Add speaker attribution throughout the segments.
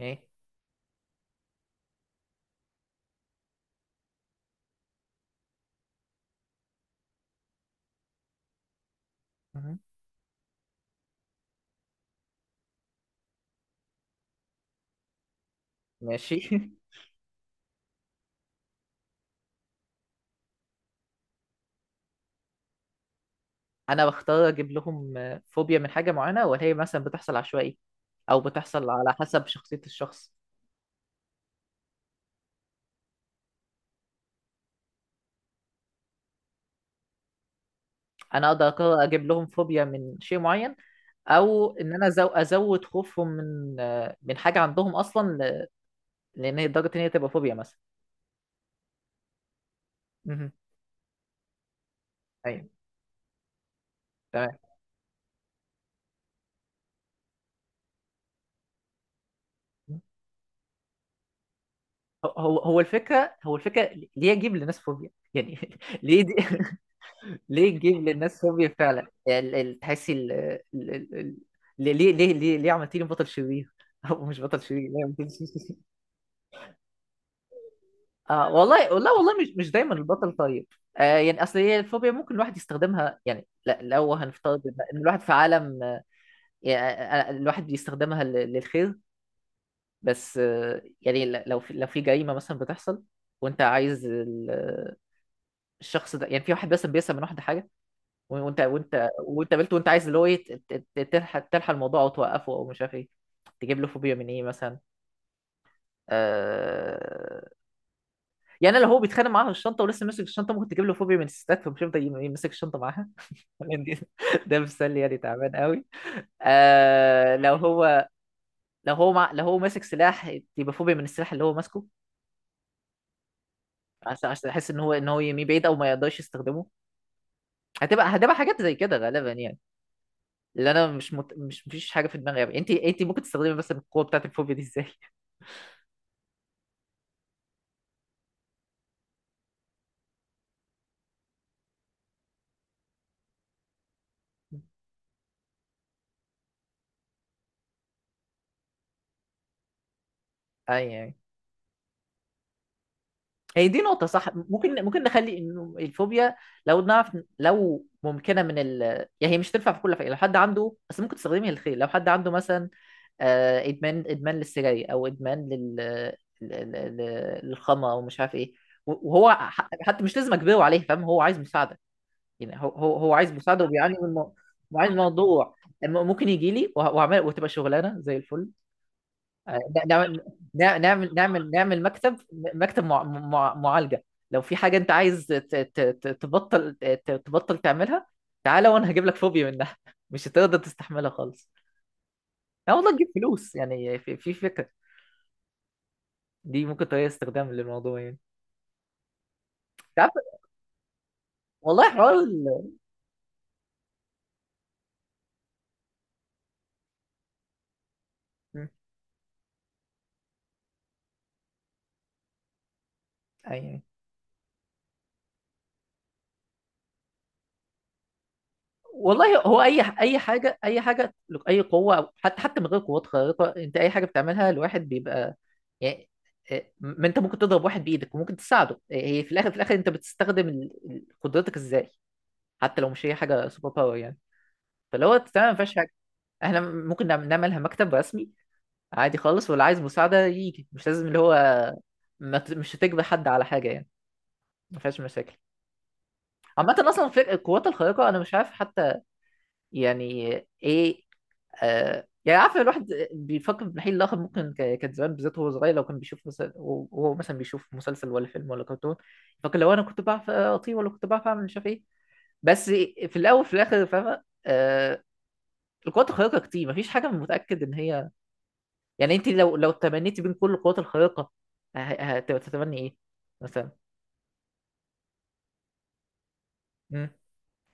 Speaker 1: ايه. مهم. ماشي انا بختار اجيب لهم فوبيا من حاجه معينه ولا هي مثلا بتحصل عشوائي او بتحصل على حسب شخصيه الشخص؟ انا اقدر اقرر اجيب لهم فوبيا من شيء معين، او ان انا ازود خوفهم من من حاجه عندهم اصلا لان هي لدرجه ان هي تبقى فوبيا مثلا. مهم. ايوه. تمام. هو الفكره هو الفكره. ليه اجيب لناس فوبيا يعني؟ ليه دي؟ ليه تجيب للناس فوبيا فعلا؟ يعني تحسي ليه ليه عملتيني بطل شرير؟ او مش بطل شرير، ليه عملتيني؟ اه والله والله والله، مش دايما البطل طيب. آه، يعني اصل هي الفوبيا ممكن الواحد يستخدمها. يعني لا، لو هنفترض ان الواحد في عالم، يعني، آه، يعني آه، الواحد بيستخدمها للخير. بس آه، يعني لو في، لو في جريمة مثلا بتحصل وانت عايز الشخص ده، يعني في واحد مثلا بيسرق من واحد حاجة، وانت قابلته وانت عايز اللي هو ايه، تلحق تلحق الموضوع او توقفه او مش عارف ايه، تجيب له فوبيا من ايه مثلا؟ آه، يعني لو هو بيتخانق معاها في الشنطه ولسه ماسك الشنطه، ممكن تجيب له فوبيا من الستات، فمش هيفضل يمسك الشنطه معاها. لأن دي- ده مثال يعني تعبان قوي. آه، لو هو ماسك سلاح، يبقى فوبيا من السلاح اللي هو ماسكه، عشان يحس ان هو يمي بعيد او ما يقدرش يستخدمه. هتبقى حاجات زي كده غالبا يعني. اللي انا مش مت... مش مفيش حاجه في دماغي قوي. انت ممكن تستخدمي مثلا القوه بتاعت الفوبيا دي ازاي؟ اي يعني. هي دي نقطه صح. ممكن نخلي انه الفوبيا، لو نعرف لو ممكنه من ال... يعني هي مش تنفع في كل حاجه، لو حد عنده بس ممكن تستخدمي الخير لو حد عنده مثلا آه، ادمان للسجاير، او ادمان لل للخمره ومش عارف ايه، وهو حتى مش لازم اجبره عليه، فاهم؟ هو عايز مساعده. يعني هو عايز مساعده وبيعاني من وعايز الموضوع. ممكن يجي لي وهعمل، وتبقى شغلانه زي الفل. آه، ن- نعمل نع- نعمل نعمل نعمل مكتب، مكتب معالجه. لو في حاجه انت عايز تبطل تعملها، تعالى وانا هجيب لك فوبيا منها. مش هتقدر تستحملها خالص. لا والله تجيب فلوس يعني، في فكره. دي ممكن طريقه استخدام للموضوع يعني، انت عارف. والله حوار ال... م. أيوة. والله هو اي اي حاجه، اي قوه، أو حتى من غير قوات خارقه، انت اي حاجه بتعملها الواحد بيبقى يعني إيه، ما انت ممكن تضرب واحد بايدك وممكن تساعده. إيه، هي في الاخر، في الاخر انت بتستخدم قدرتك ازاي، حتى لو مش هي حاجه سوبر باور يعني. فلو هو تمام ما فيهاش حاجه، احنا ممكن نعملها مكتب رسمي عادي خالص، واللي عايز مساعده يجي. مش لازم اللي هو، ما ت- مش هتجبر حد على حاجه يعني. ما فيهاش مشاكل. عامة أصلا القوات الخارقة أنا مش عارف حتى يعني إيه. آه، يعني عارف الواحد بيفكر في الناحية الآخر، ممكن كان زمان بالذات وهو صغير، لو كان بيشوف مثلا، وهو مثلا بيشوف مسلسل ولا فيلم ولا كرتون، فكان لو أنا كنت بعرف أطير، ولا كنت بعرف أعمل مش عارف إيه، بس في الأول، في الآخر، فاهمة آه، القوات الخارقة كتير مفيش حاجة متأكد إن هي يعني. أنت لو تمنيتي بين كل القوات الخارقة، هتتمني إيه مثلا؟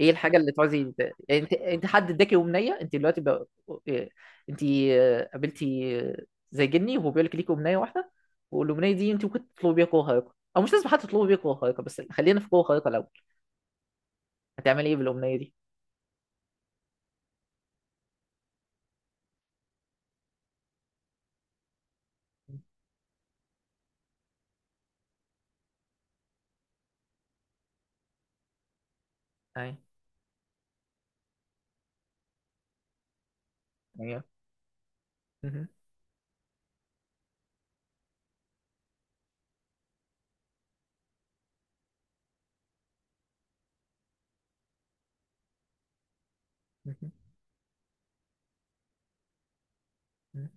Speaker 1: ايه الحاجه اللي تعوزي يعني؟ انت حد اداكي امنيه، انت دلوقتي بقى... انت آه، قابلتي آه، زي جني وهو بيقول لك ليكي امنيه واحده، والامنيه دي انت ممكن تطلبي بيها قوه خارقه او مش لازم حتى تطلبي بيها قوه خارقه، بس خلينا في قوه خارقه الاول. هتعملي ايه بالامنيه دي؟ ايوه. ايوه. مهم. مهم. مهم.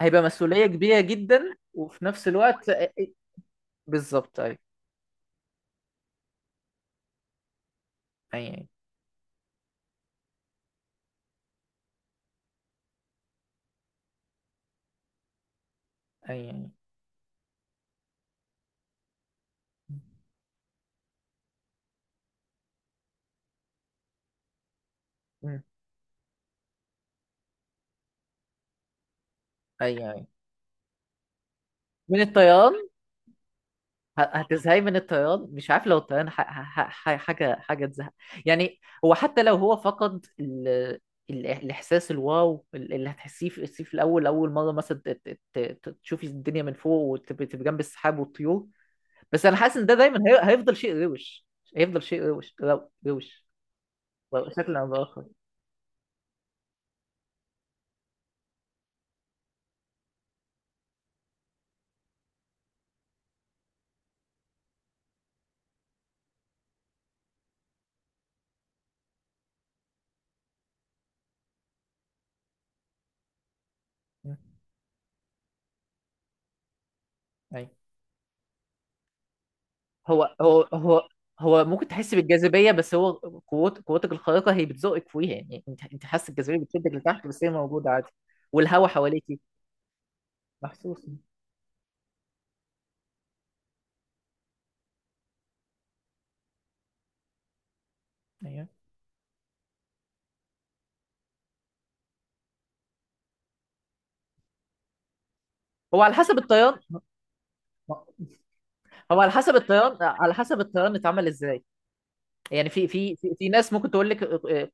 Speaker 1: هيبقى مسؤوليه كبيره جدا، وفي نفس الوقت بالظبط. ايوه ايوه ايوه ايوه. مم. ايوه. أيوة. من الطيران؟ ه- هتزهقي من الطيران؟ مش عارف لو الطيران حاجه حاجه تزهق، يعني هو حتى لو هو فقد الاحساس الواو اللي هتحسيه في الاول، اول مره مثلا تشوفي الدنيا من فوق، وتبقي تبقي جنب السحاب والطيور. بس انا حاسس ان ده دايما هي... هيفضل شيء روش. هيفضل شيء روش روش، شكل او باخر. م. أيوة. هو هو هو هو ممكن تحس بالجاذبيه، بس هو قوتك الخارقه هي بتزقك فيها. يعني انت حاسس الجاذبيه بتشدك لتحت، بس هي موجوده عادي، والهواء حواليكي محسوس. ايوه. هو على حسب الطيران. على حسب الطيران اتعمل ازاي. يعني في ناس ممكن تقول لك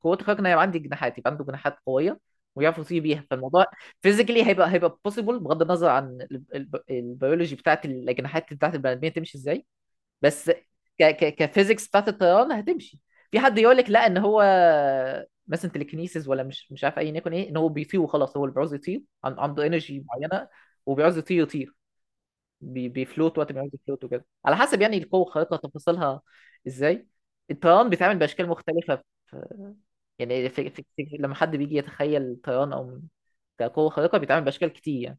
Speaker 1: قوته خارقه إن هي عندي جناحات، يبقى عنده جناحات قويه ويعرف يطير بيها، فالموضوع فيزيكلي هيبقى بوسيبل بغض النظر عن البيولوجي بتاعت الاجنحات بتاعت البني ادمين تمشي ازاي، بس ك ك كفيزيكس بتاعت الطيران هتمشي. في حد يقول لك لا، ان هو مثلا تليكنيسيس ولا مش عارف اي نيكون ايه، ان هو بيطير وخلاص، هو اللي بيعوز يطير عنده انرجي معينه وبيعوز يطير، يطير، بيفلوت وقت ما يعوز يفلوت وكده، على حسب يعني القوه الخارقه تفاصيلها ازاي. الطيران بيتعمل باشكال مختلفه في، يعني في في في لما حد بيجي يتخيل الطيران او كقوه خارقه، بيتعمل باشكال كتير يعني،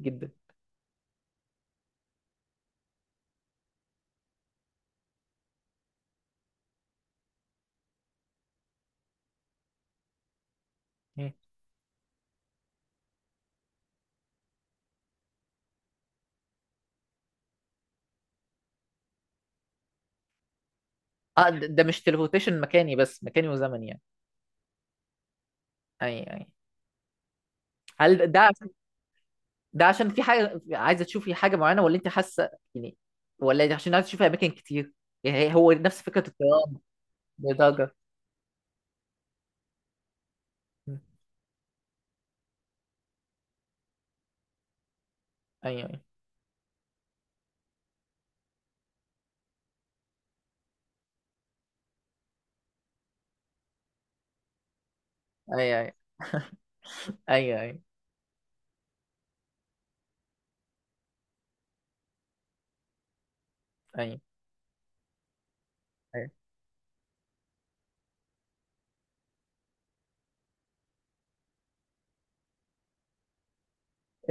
Speaker 1: جدا. مم. اه، ده مش تليبورتيشن مكاني بس، مكاني وزمني يعني. يعني. هل ده، ده عشان في حاجه عايزه تشوفي حاجه معينه، ولا انت حاسه يعني، ولا عشان عايزه تشوفي اماكن كتير؟ يعني هي- هو نفس فكره الطيران بدرجه. م. ايوه ايوه ايوه ايوه ايوه ايوه ايوه أيوه.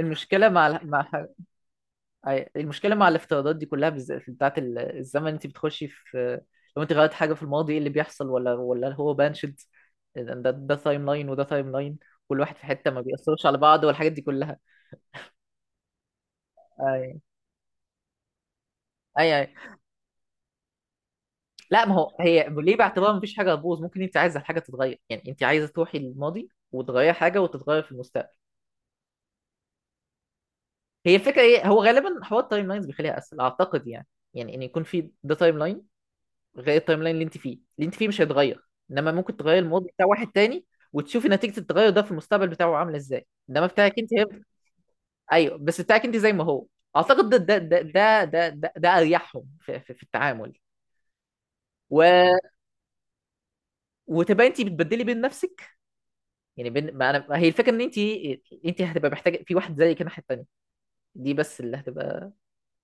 Speaker 1: المشكله مع أيوة. المشكله مع الافتراضات دي كلها، بالذات بتاعت الزمن، انت بتخشي في، لو انت غيرت حاجه في الماضي ايه اللي بيحصل، ولا هو بانشد؟ ده ده تايم لاين وده تايم لاين، كل واحد في حته ما بيأثرش على بعض، والحاجات دي كلها. ايوه. ايوه. أيوه. لا، ما هو هي ليه باعتبار مفيش حاجه هتبوظ؟ ممكن انت عايزه الحاجه تتغير، يعني انت عايزه تروحي للماضي وتغير حاجه، وتتغير في المستقبل. هي الفكره ايه، هو غالبا حوار التايم لاينز بيخليها اسهل اعتقد يعني. يعني ان يكون في ده تايم لاين غير التايم لاين اللي انت فيه، اللي انت فيه مش هيتغير، انما ممكن تغير الماضي بتاع واحد تاني وتشوفي نتيجه التغير ده في المستقبل بتاعه عامله ازاي، انما بتاعك انت هيبقى ايوه، بس بتاعك انت زي ما هو. اعتقد ده اريحهم في التعامل. و... وتبقى انت بتبدلي بين نفسك، يعني بين، ما انا ما هي الفكره ان انت هتبقى محتاجه في واحد زي كده ناحيه التانيه، دي بس اللي هتبقى،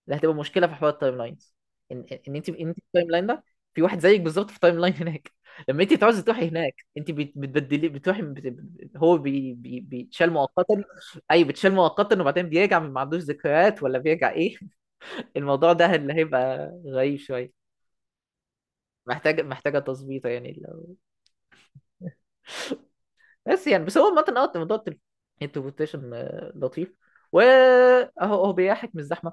Speaker 1: اللي هتبقى مشكله في حوار التايم لاينز، ان انت التايم لاين ده في واحد زيك بالظبط في التايم لاين هناك. لما انت تعوزي تروحي هناك، انت بتبدلي، بتروحي، هو بي بي بيتشال مؤقتا. اي، بتشال مؤقتا وبعدين بيرجع ما عندوش ذكريات، ولا بيرجع ايه؟ الموضوع ده اللي هيبقى غريب شويه. محتاجه تظبيطه يعني. بس يعني، بس هو عامة، اه موضوع التليبورتيشن آه، لطيف، واهو اهو بيحك من الزحمه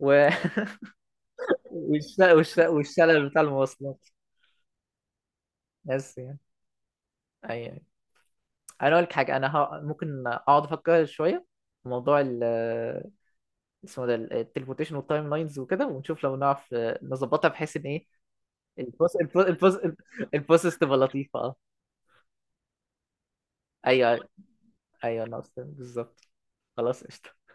Speaker 1: و... والشلل بتاع المواصلات. بس يعني أي... انا اقول لك حاجه، انا ه... ممكن اقعد افكر شويه في موضوع ال آه، اسمه ده، التليبورتيشن والتايم لاينز وكده، ونشوف لو نعرف آه، نظبطها بحيث ان ايه البروس البروسيس تبقى لطيفه. اه ايوه. ايوه ناقص، بالظبط. خلاص قشطه.